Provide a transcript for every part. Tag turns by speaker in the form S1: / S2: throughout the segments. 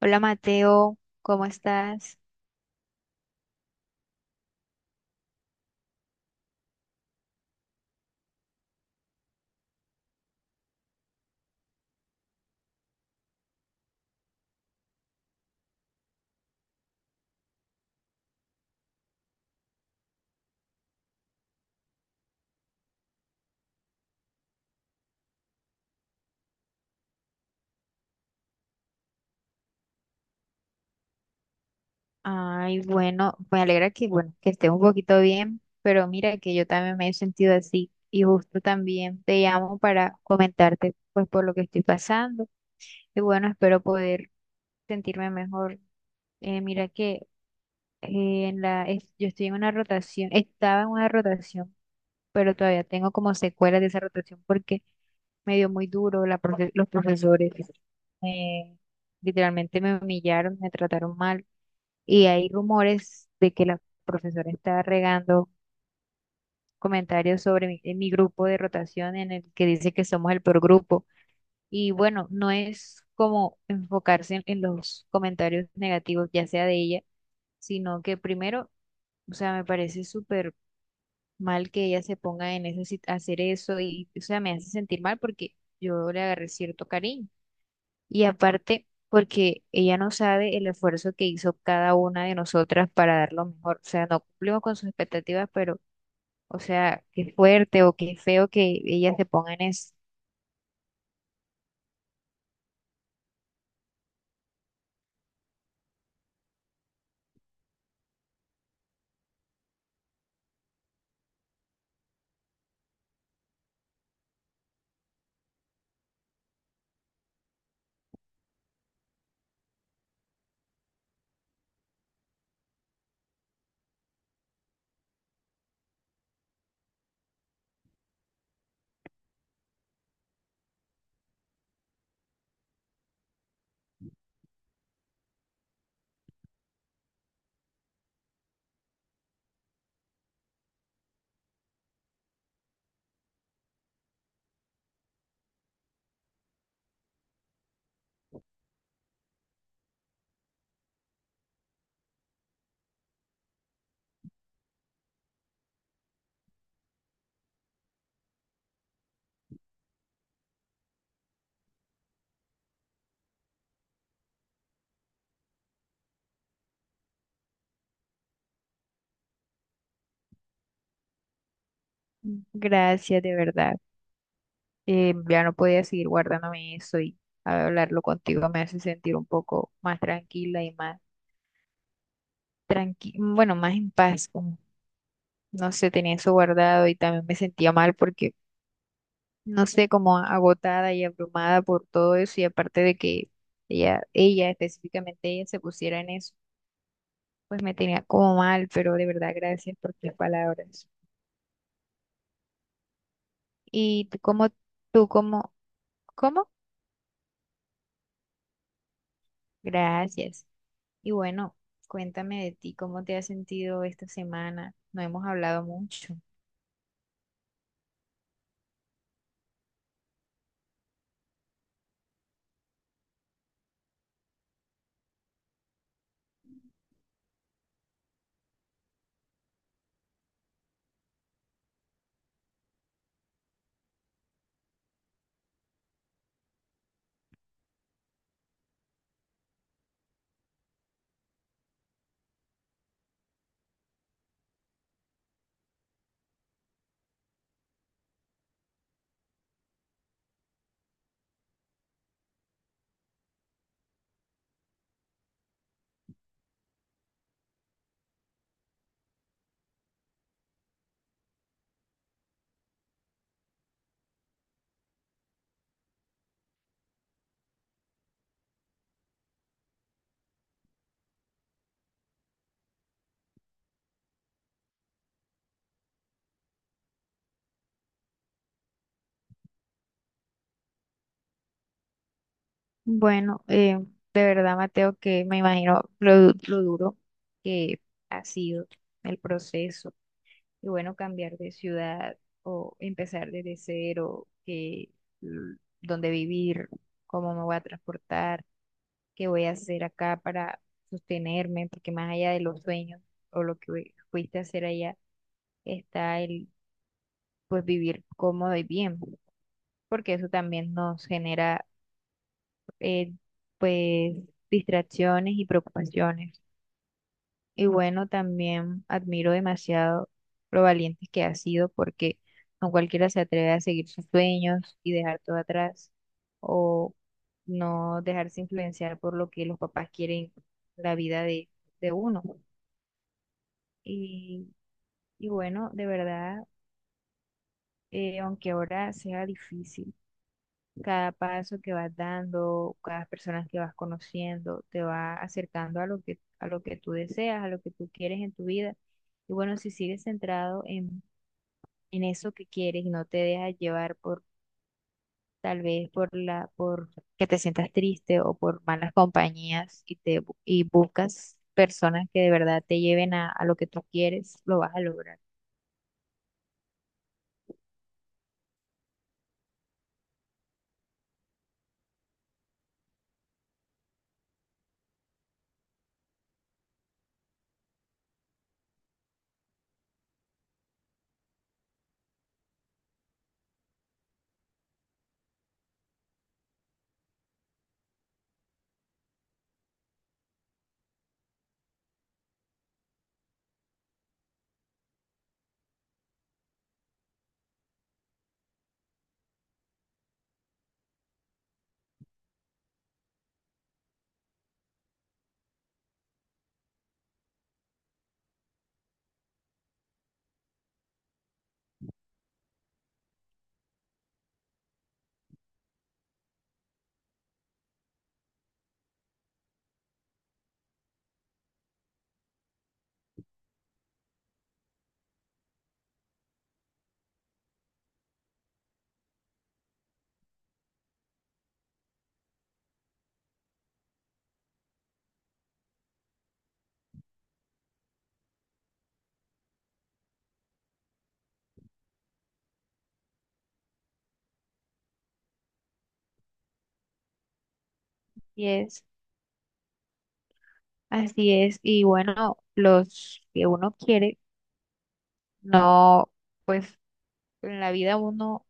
S1: Hola Mateo, ¿cómo estás? Ay, bueno, me alegra que, bueno, que estés un poquito bien, pero mira que yo también me he sentido así y justo también te llamo para comentarte pues por lo que estoy pasando y bueno, espero poder sentirme mejor. Mira que en la, yo estoy en una rotación, estaba en una rotación, pero todavía tengo como secuelas de esa rotación porque me dio muy duro la los profesores. me- Literalmente me humillaron, me trataron mal. Y hay rumores de que la profesora está regando comentarios sobre mi, en mi grupo de rotación en el que dice que somos el peor grupo. Y bueno, no es como enfocarse en los comentarios negativos, ya sea de ella, sino que primero, o sea, me parece súper mal que ella se ponga en eso, hacer eso y, o sea, me hace sentir mal porque yo le agarré cierto cariño. Y aparte, porque ella no sabe el esfuerzo que hizo cada una de nosotras para dar lo mejor. O sea, no cumplimos con sus expectativas, pero, o sea, qué fuerte o qué feo que ella se ponga en eso. Gracias, de verdad. Ya no podía seguir guardándome eso y hablarlo contigo me hace sentir un poco más tranquila y más bueno, más en paz. Como, no sé, tenía eso guardado y también me sentía mal porque no sé, como agotada y abrumada por todo eso y aparte de que ella específicamente ella se pusiera en eso, pues me tenía como mal, pero de verdad gracias por tus palabras. Y tú como, tú como, ¿Cómo? Gracias. Y bueno, cuéntame de ti, ¿cómo te has sentido esta semana? No hemos hablado mucho. Bueno, de verdad, Mateo, que me imagino lo duro que ha sido el proceso y bueno, cambiar de ciudad o empezar desde cero, que, mm, dónde vivir, cómo me voy a transportar, qué voy a hacer acá para sostenerme, porque más allá de los sueños o lo que fuiste a hacer allá, está el pues vivir cómodo y bien, porque eso también nos genera eh, pues distracciones y preocupaciones. Y bueno, también admiro demasiado lo valientes que has sido porque no cualquiera se atreve a seguir sus sueños y dejar todo atrás o no dejarse influenciar por lo que los papás quieren la vida de uno. Y, y bueno, de verdad, aunque ahora sea difícil. Cada paso que vas dando, cada persona que vas conociendo, te va acercando a lo a lo que tú deseas, a lo que tú quieres en tu vida. Y bueno, si sigues centrado en eso que quieres y no te dejas llevar por tal vez por por que te sientas triste o por malas compañías y y buscas personas que de verdad te lleven a lo que tú quieres, lo vas a lograr. Y es, Así es. Y bueno, los que uno quiere, no, pues en la vida uno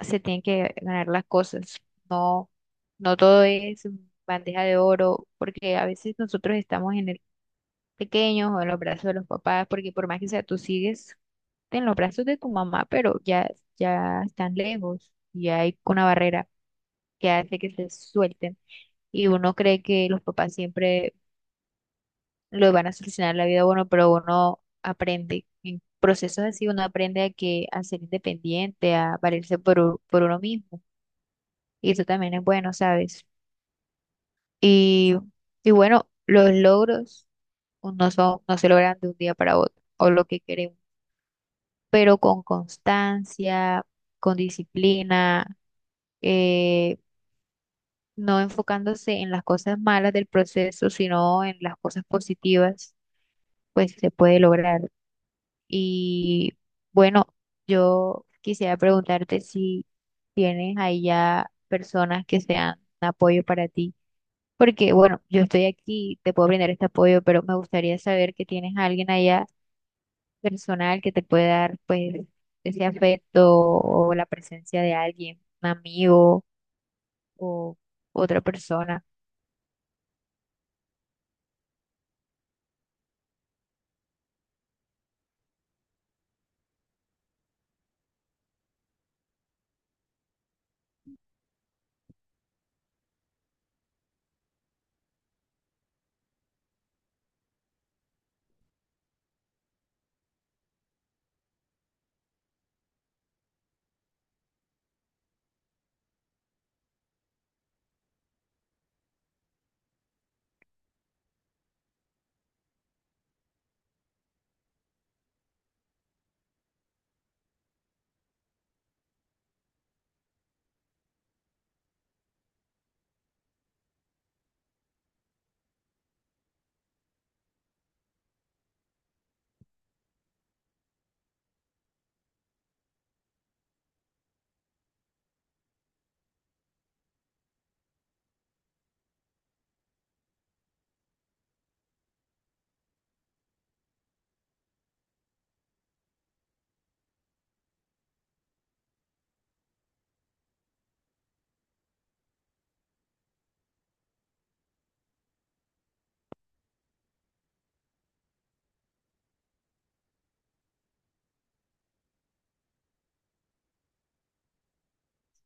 S1: se tienen que ganar las cosas. No, no todo es bandeja de oro, porque a veces nosotros estamos en el pequeño o en los brazos de los papás, porque por más que sea, tú sigues en los brazos de tu mamá, pero ya están lejos y hay una barrera que hace que se suelten. Y uno cree que los papás siempre lo van a solucionar la vida a uno, pero uno aprende. En procesos así uno aprende a que a ser independiente, a valerse por uno mismo. Y eso también es bueno, ¿sabes? Y, y bueno, los logros no son, no se logran de un día para otro, o lo que queremos, pero con constancia, con disciplina, eh, no enfocándose en las cosas malas del proceso, sino en las cosas positivas, pues se puede lograr. Y bueno, yo quisiera preguntarte si tienes ahí ya personas que sean un apoyo para ti. Porque, bueno, yo estoy aquí, te puedo brindar este apoyo, pero me gustaría saber que tienes a alguien allá personal que te pueda dar, pues, ese afecto o la presencia de alguien, un amigo o otra persona.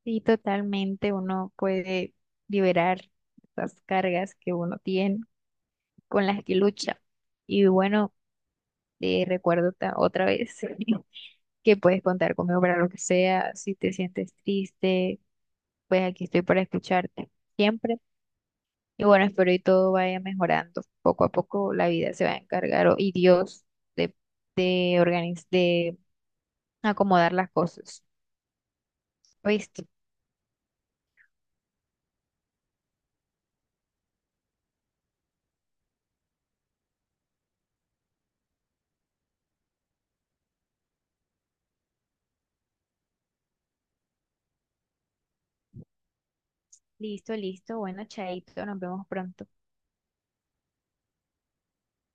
S1: Sí, totalmente. Uno puede liberar esas cargas que uno tiene con las que lucha. Y bueno, recuerdo otra vez que puedes contar conmigo para lo que sea. Si te sientes triste, pues aquí estoy para escucharte siempre. Y bueno, espero y todo vaya mejorando. Poco a poco la vida se va a encargar y Dios de, de acomodar las cosas. ¿Oíste? Listo, listo. Bueno, chaito, nos vemos pronto.